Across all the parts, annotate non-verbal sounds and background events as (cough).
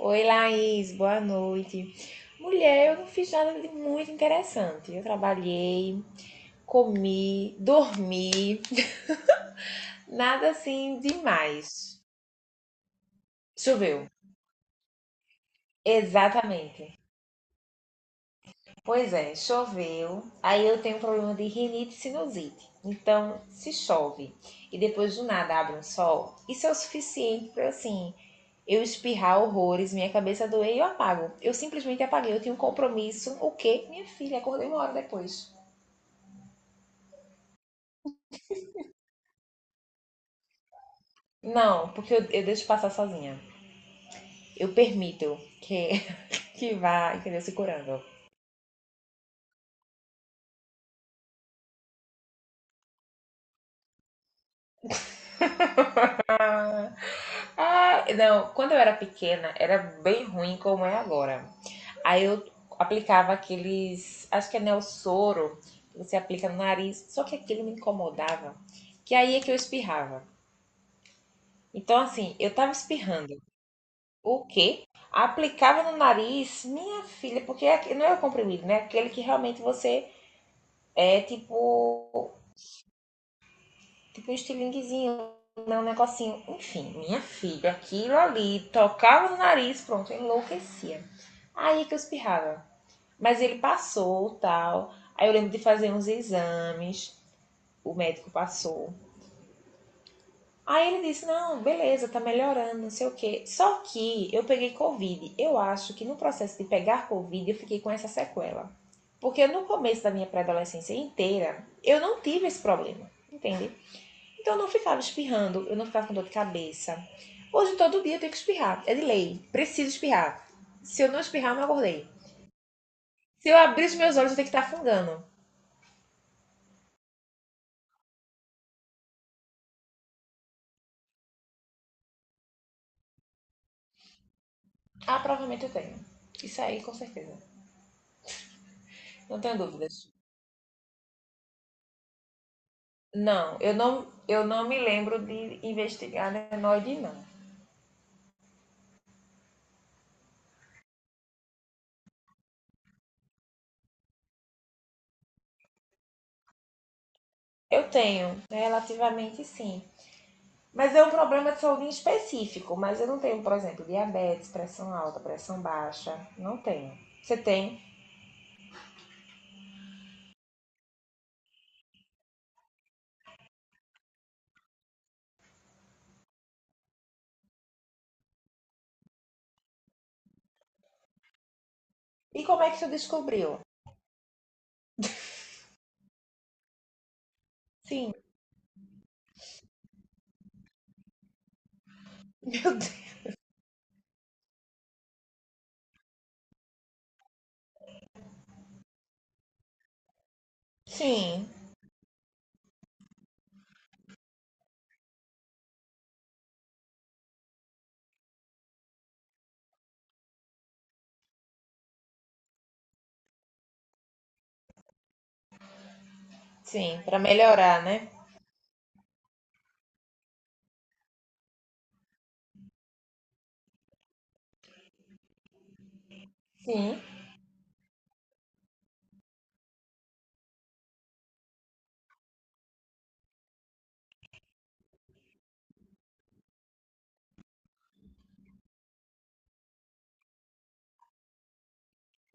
Oi, Laís, boa noite. Mulher, eu não fiz nada de muito interessante. Eu trabalhei, comi, dormi, (laughs) nada assim demais. Choveu, exatamente. Pois é, choveu. Aí eu tenho um problema de rinite e sinusite. Então, se chove e depois do nada abre um sol, isso é o suficiente para assim, eu espirrar horrores, minha cabeça doer e eu apago. Eu simplesmente apaguei, eu tinha um compromisso. O quê? Minha filha, acordei uma hora depois. Não, porque eu deixo passar sozinha. Eu permito que, (laughs) que vá, entendeu? Se curando. Ah, não, quando eu era pequena, era bem ruim como é agora. Aí eu aplicava aqueles, acho que é Nelsoro, que você aplica no nariz, só que aquilo me incomodava, que aí é que eu espirrava. Então, assim, eu tava espirrando. O quê? Aplicava no nariz, minha filha, porque é não é o comprimido, né? Aquele que realmente você é tipo um estilinguezinho, né? Um negocinho. Enfim, minha filha, aquilo ali, tocava no nariz, pronto, eu enlouquecia. Aí é que eu espirrava. Mas ele passou, tal. Aí eu lembro de fazer uns exames, o médico passou. Aí ele disse: não, beleza, tá melhorando, não sei o quê. Só que eu peguei Covid. Eu acho que no processo de pegar Covid eu fiquei com essa sequela. Porque no começo da minha pré-adolescência inteira, eu não tive esse problema, entende? Então eu não ficava espirrando, eu não ficava com dor de cabeça. Hoje todo dia eu tenho que espirrar, é de lei, preciso espirrar. Se eu não espirrar, eu não acordei. Se eu abrir os meus olhos, eu tenho que estar afungando. Ah, provavelmente eu tenho. Isso aí, com certeza. Não tenho dúvidas. Não, eu não me lembro de investigar adenoide, não. Eu tenho, relativamente sim. Mas é um problema de saúde em específico. Mas eu não tenho, por exemplo, diabetes, pressão alta, pressão baixa. Não tenho. Você tem? E como é que você descobriu? Sim. (laughs) Meu Deus. Sim, sim. Pra melhorar, né? Sim.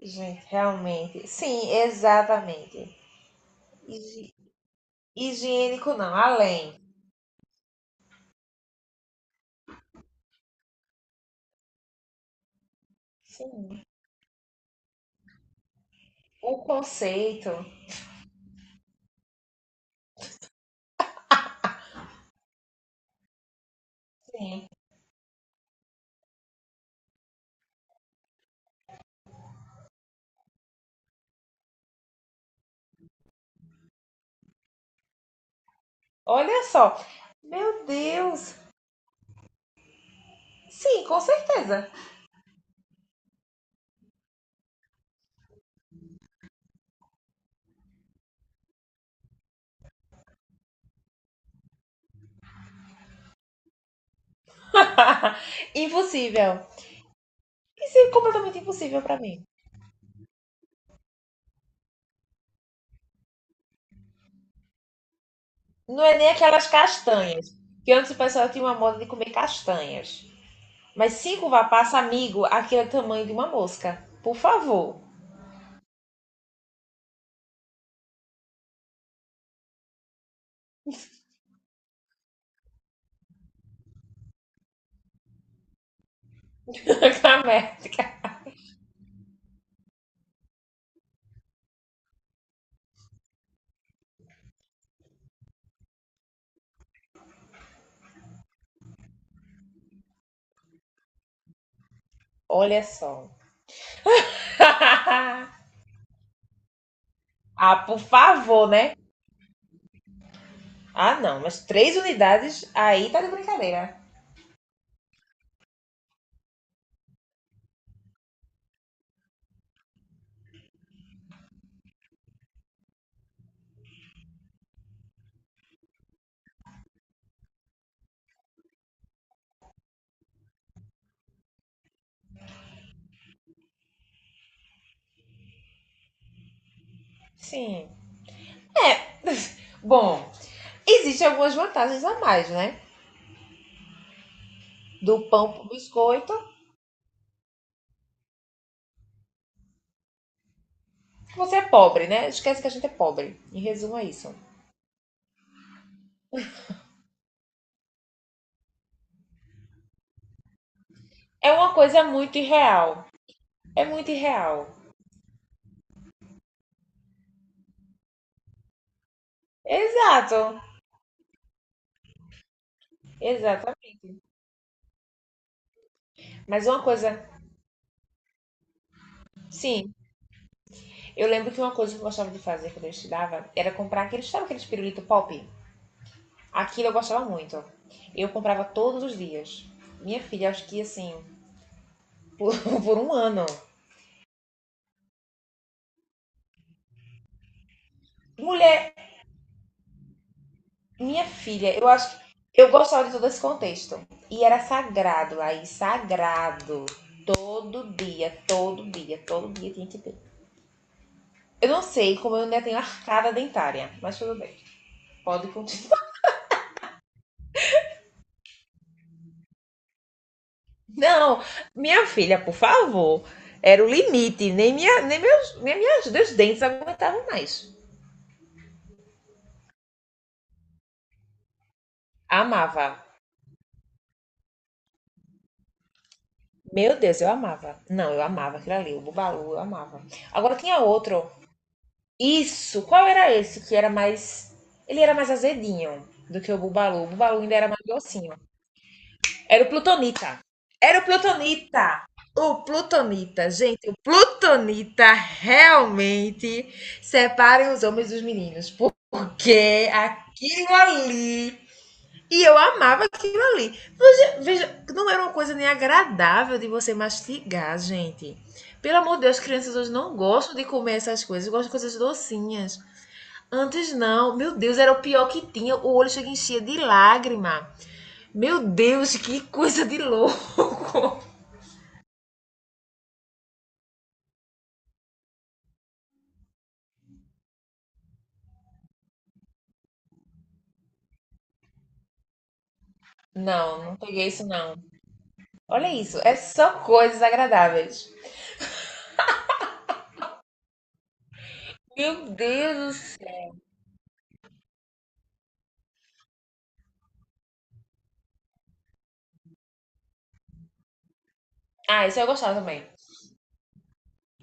Gente, realmente. Sim, exatamente. Higi- Higiênico não, além. Sim. O conceito. Sim. Olha só. Meu Deus. Sim, com certeza. (laughs) Impossível. Isso é completamente impossível pra mim. Não é nem aquelas castanhas. Que antes o pessoal tinha uma moda de comer castanhas. Mas cinco vapas, amigo, aquele é o tamanho de uma mosca. Por favor. (laughs) Camética. Olha só. (laughs) Ah, por favor, né? Ah, não. Mas três unidades aí tá de brincadeira. Sim. É. (laughs) Bom, existem algumas vantagens a mais, né? Do pão pro biscoito. Você é pobre, né? Esquece que a gente é pobre. Em resumo, é isso. É uma coisa muito irreal. É muito irreal. Exato. Exatamente. Mas uma coisa, sim, eu lembro que uma coisa que eu gostava de fazer quando eu estudava era comprar aqueles, sabe aqueles pirulito pop? Aquilo eu gostava muito. Eu comprava todos os dias. Minha filha, acho que assim, por, (laughs) por um ano. Mulher, minha filha, eu acho que eu gostava de todo esse contexto. E era sagrado, Laís, sagrado. Todo dia, todo dia, todo dia tinha que ter. Eu não sei como eu ainda tenho arcada dentária, mas tudo bem. Pode continuar. (laughs) Não, minha filha, por favor. Era o limite. Nem minhas, meus dentes aguentavam mais. Amava. Meu Deus, eu amava. Não, eu amava aquilo ali, o Bubalu, eu amava. Agora tinha outro. Isso! Qual era esse que era mais. Ele era mais azedinho do que o Bubalu. O Bubalu ainda era mais docinho. Era o Plutonita. Era o Plutonita! O Plutonita, gente, o Plutonita realmente separa os homens dos meninos. Porque aquilo ali. E eu amava aquilo ali. Veja, não era uma coisa nem agradável de você mastigar, gente. Pelo amor de Deus, crianças hoje não gostam de comer essas coisas, gostam de coisas docinhas. Antes não. Meu Deus, era o pior que tinha. O olho chega e enchia de lágrima. Meu Deus, que coisa de louco. Não, não peguei isso não. Olha isso, é só coisas agradáveis. Meu Deus do céu. Ah, esse eu gostava também.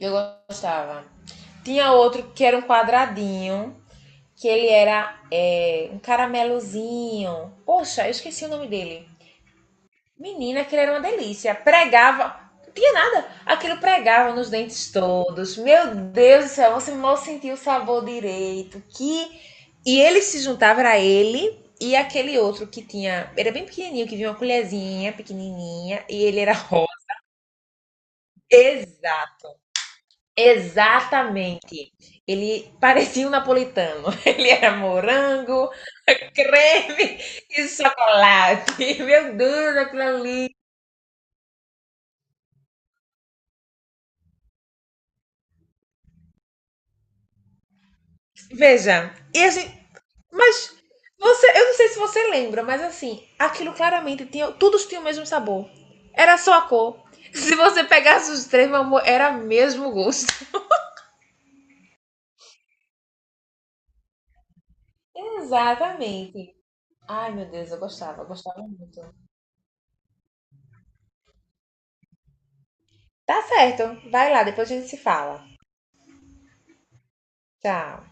Eu gostava. Tinha outro que era um quadradinho, que ele era um caramelozinho. Poxa, eu esqueci o nome dele. Menina, aquilo era uma delícia. Pregava, não tinha nada. Aquilo pregava nos dentes todos. Meu Deus do céu, você mal sentia o sabor direito. Que e ele se juntava era ele e aquele outro que tinha, era bem pequenininho, que vinha uma colherzinha pequenininha e ele era (laughs) rosa. Exato. Exatamente. Ele parecia um napolitano. (laughs) Ele era morango, (laughs) creme e chocolate. Meu Deus, aquilo ali. Veja, e a gente, mas você, eu não sei se você lembra, mas assim, aquilo claramente tinha, todos tinham o mesmo sabor. Era só a cor. (laughs) Se você pegasse os três, meu amor, era mesmo gosto. Exatamente. Ai, meu Deus, eu gostava muito. Tá certo. Vai lá, depois a gente se fala. Tchau.